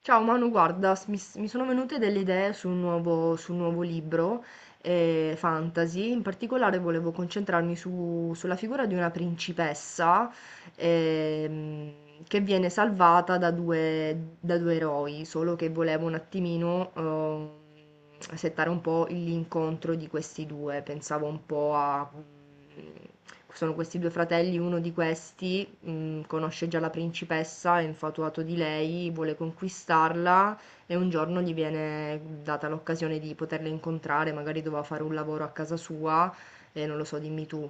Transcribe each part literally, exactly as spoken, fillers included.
Ciao Manu, guarda, s- mi, s- mi sono venute delle idee su un nuovo, su un nuovo libro eh, fantasy, in particolare volevo concentrarmi su- sulla figura di una principessa ehm, che viene salvata da due, da due eroi, solo che volevo un attimino ehm, settare un po' l'incontro di questi due, pensavo un po' a... mm, Sono questi due fratelli, uno di questi mh, conosce già la principessa, è infatuato di lei, vuole conquistarla e un giorno gli viene data l'occasione di poterla incontrare, magari doveva fare un lavoro a casa sua e non lo so, dimmi tu.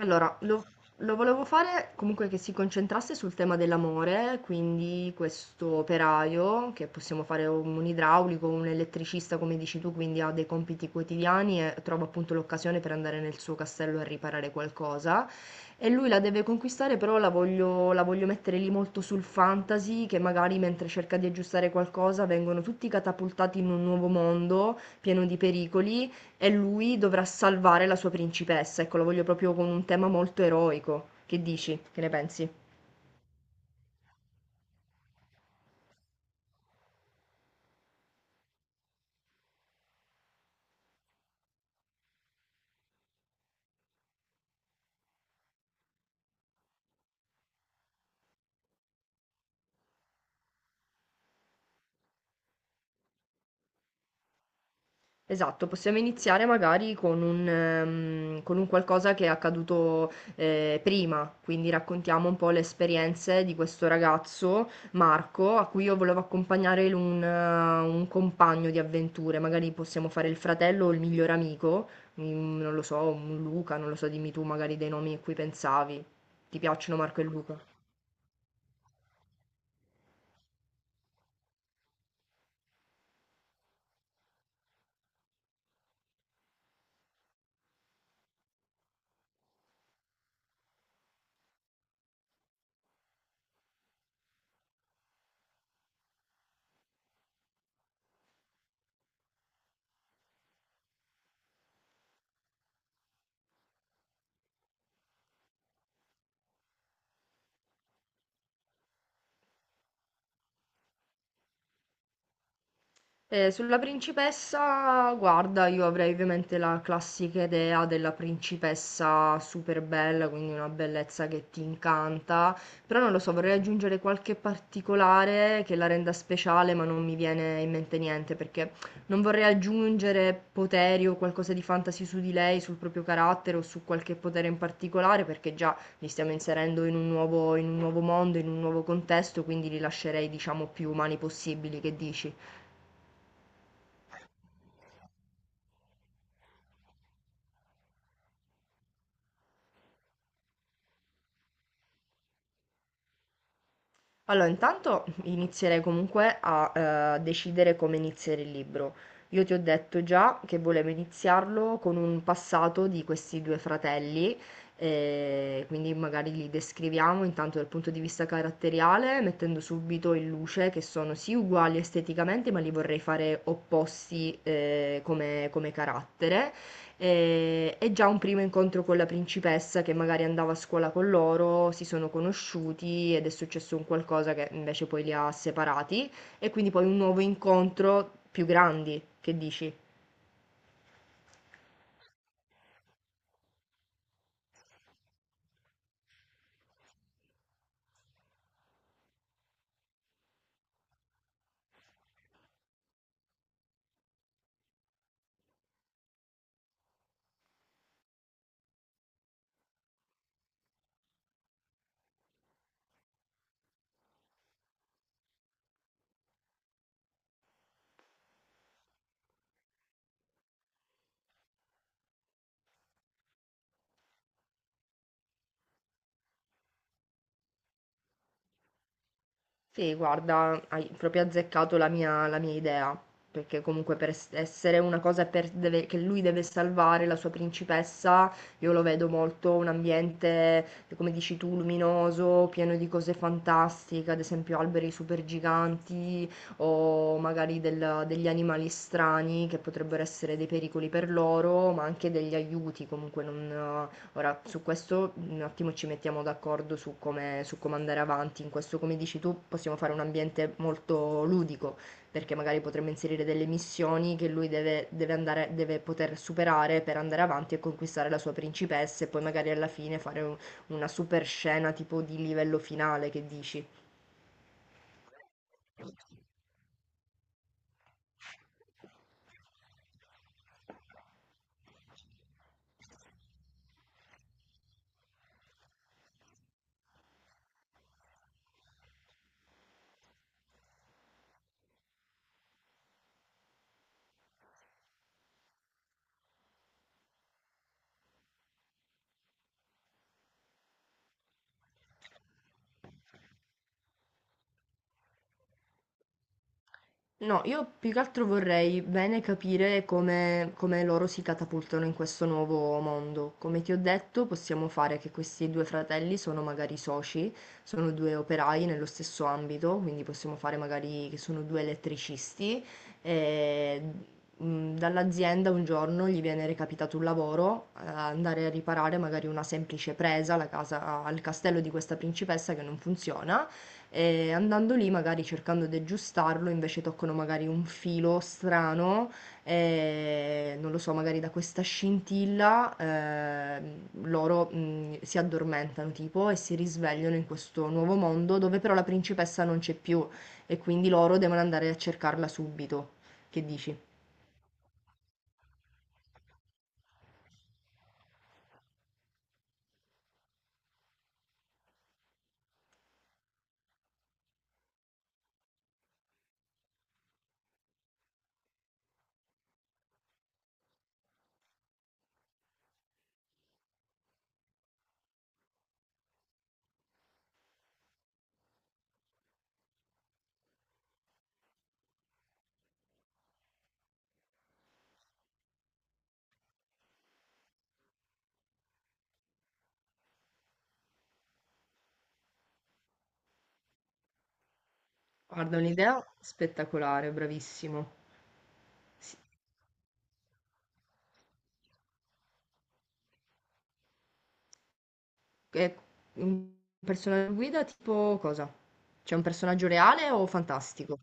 Allora, lo, lo volevo fare comunque che si concentrasse sul tema dell'amore, quindi questo operaio, che possiamo fare un, un idraulico, un elettricista, come dici tu, quindi ha dei compiti quotidiani e trova appunto l'occasione per andare nel suo castello a riparare qualcosa. E lui la deve conquistare, però la voglio, la voglio mettere lì molto sul fantasy, che magari mentre cerca di aggiustare qualcosa vengono tutti catapultati in un nuovo mondo pieno di pericoli e lui dovrà salvare la sua principessa, ecco, lo voglio proprio con un tema molto eroico. Che dici? Che ne pensi? Esatto, possiamo iniziare magari con un, ehm, con un qualcosa che è accaduto eh, prima, quindi raccontiamo un po' le esperienze di questo ragazzo, Marco, a cui io volevo accompagnare un, eh, un compagno di avventure, magari possiamo fare il fratello o il miglior amico, mm, non lo so, un Luca, non lo so, dimmi tu magari dei nomi a cui pensavi. Ti piacciono Marco e Luca? Eh, sulla principessa, guarda, io avrei ovviamente la classica idea della principessa super bella, quindi una bellezza che ti incanta, però non lo so, vorrei aggiungere qualche particolare che la renda speciale, ma non mi viene in mente niente, perché non vorrei aggiungere poteri o qualcosa di fantasy su di lei, sul proprio carattere o su qualche potere in particolare, perché già li stiamo inserendo in un nuovo, in un nuovo mondo, in un nuovo contesto, quindi li lascerei, diciamo, più umani possibili, che dici? Allora, intanto inizierei comunque a eh, decidere come iniziare il libro. Io ti ho detto già che volevo iniziarlo con un passato di questi due fratelli, eh, quindi magari li descriviamo intanto dal punto di vista caratteriale, mettendo subito in luce che sono sì uguali esteticamente, ma li vorrei fare opposti eh, come, come carattere e, e già un primo incontro con la principessa che magari andava a scuola con loro, si sono conosciuti ed è successo un qualcosa che invece poi li ha separati e quindi poi un nuovo incontro più grandi, che dici? Sì, guarda, hai proprio azzeccato la mia, la mia idea, perché comunque per es- essere una cosa per- deve- che lui deve salvare la sua principessa, io lo vedo molto un ambiente, come dici tu, luminoso, pieno di cose fantastiche, ad esempio alberi super giganti o magari del- degli animali strani che potrebbero essere dei pericoli per loro, ma anche degli aiuti, comunque non, Ora, su questo un attimo ci mettiamo d'accordo su come, su come andare avanti. In questo, come dici tu, possiamo fare un ambiente molto ludico, perché magari potremmo inserire delle missioni che lui deve, deve andare, deve poter superare per andare avanti e conquistare la sua principessa e poi magari alla fine fare un- una super scena tipo di livello finale, che dici? No, io più che altro vorrei bene capire come, come loro si catapultano in questo nuovo mondo. Come ti ho detto, possiamo fare che questi due fratelli sono magari soci, sono due operai nello stesso ambito, quindi possiamo fare magari che sono due elettricisti e mh, dall'azienda un giorno gli viene recapitato un lavoro, eh, andare a riparare magari una semplice presa alla casa- al castello di questa principessa che non funziona. E andando lì, magari cercando di aggiustarlo, invece toccano magari un filo strano, e non lo so, magari da questa scintilla eh, loro mh, si addormentano tipo e si risvegliano in questo nuovo mondo dove però la principessa non c'è più e quindi loro devono andare a cercarla subito. Che dici? Guarda, un'idea spettacolare, bravissimo. Sì. E un personaggio guida tipo cosa? C'è un personaggio reale o fantastico?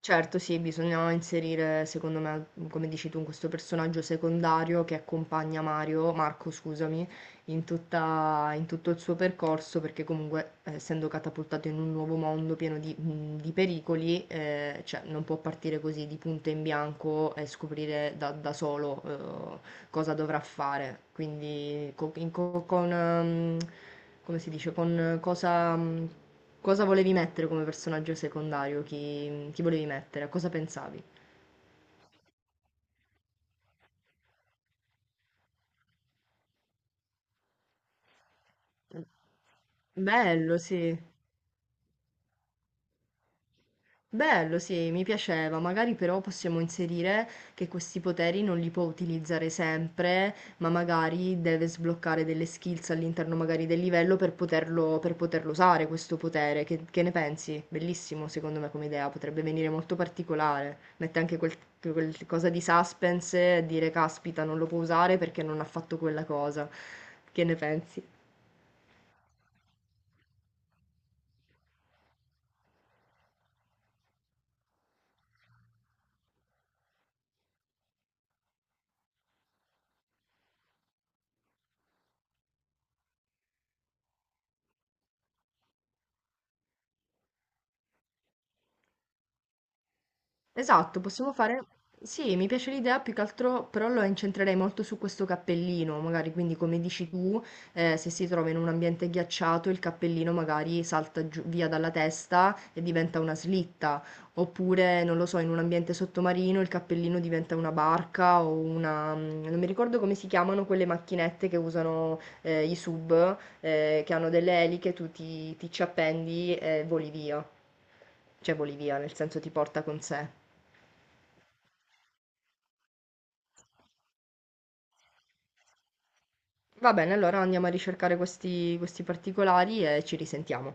Certo sì, bisogna inserire secondo me, mhmm, come dici tu, questo personaggio secondario che accompagna Mario Marco scusami, in tutta in tutto il suo percorso, perché comunque eh, essendo catapultato in un nuovo mondo pieno di mhmm, di pericoli, ehm, cioè non può partire così di punto in bianco e scoprire da da solo, uhm, cosa dovrà fare. Quindi co in co con mhmm, come si dice, con eh, cosa mhmm Cosa volevi mettere come personaggio secondario? Chi, chi volevi mettere? A cosa pensavi? Bello, sì. Bello, sì, mi piaceva. Magari però possiamo inserire che questi poteri non li può utilizzare sempre, ma magari deve sbloccare delle skills all'interno magari del livello per poterlo, per poterlo usare questo potere. Che, che ne pensi? Bellissimo, secondo me, come idea. Potrebbe venire molto particolare. Mette anche quel, quel cosa di suspense e dire, caspita, non lo può usare perché non ha fatto quella cosa. Che ne pensi? Esatto, possiamo fare... Sì, mi piace l'idea più che altro, però lo incentrerei molto su questo cappellino, magari quindi come dici tu, eh, se si trova in un ambiente ghiacciato il cappellino magari salta giù- via dalla testa e diventa una slitta, oppure non lo so, in un ambiente sottomarino il cappellino diventa una barca o una... mm, non mi ricordo come si chiamano quelle macchinette che usano eh, i sub, eh, che hanno delle eliche, tu ti, ti ci appendi e voli via, cioè voli via, nel senso ti porta con sé. Va bene, allora andiamo a ricercare questi, questi particolari e ci risentiamo.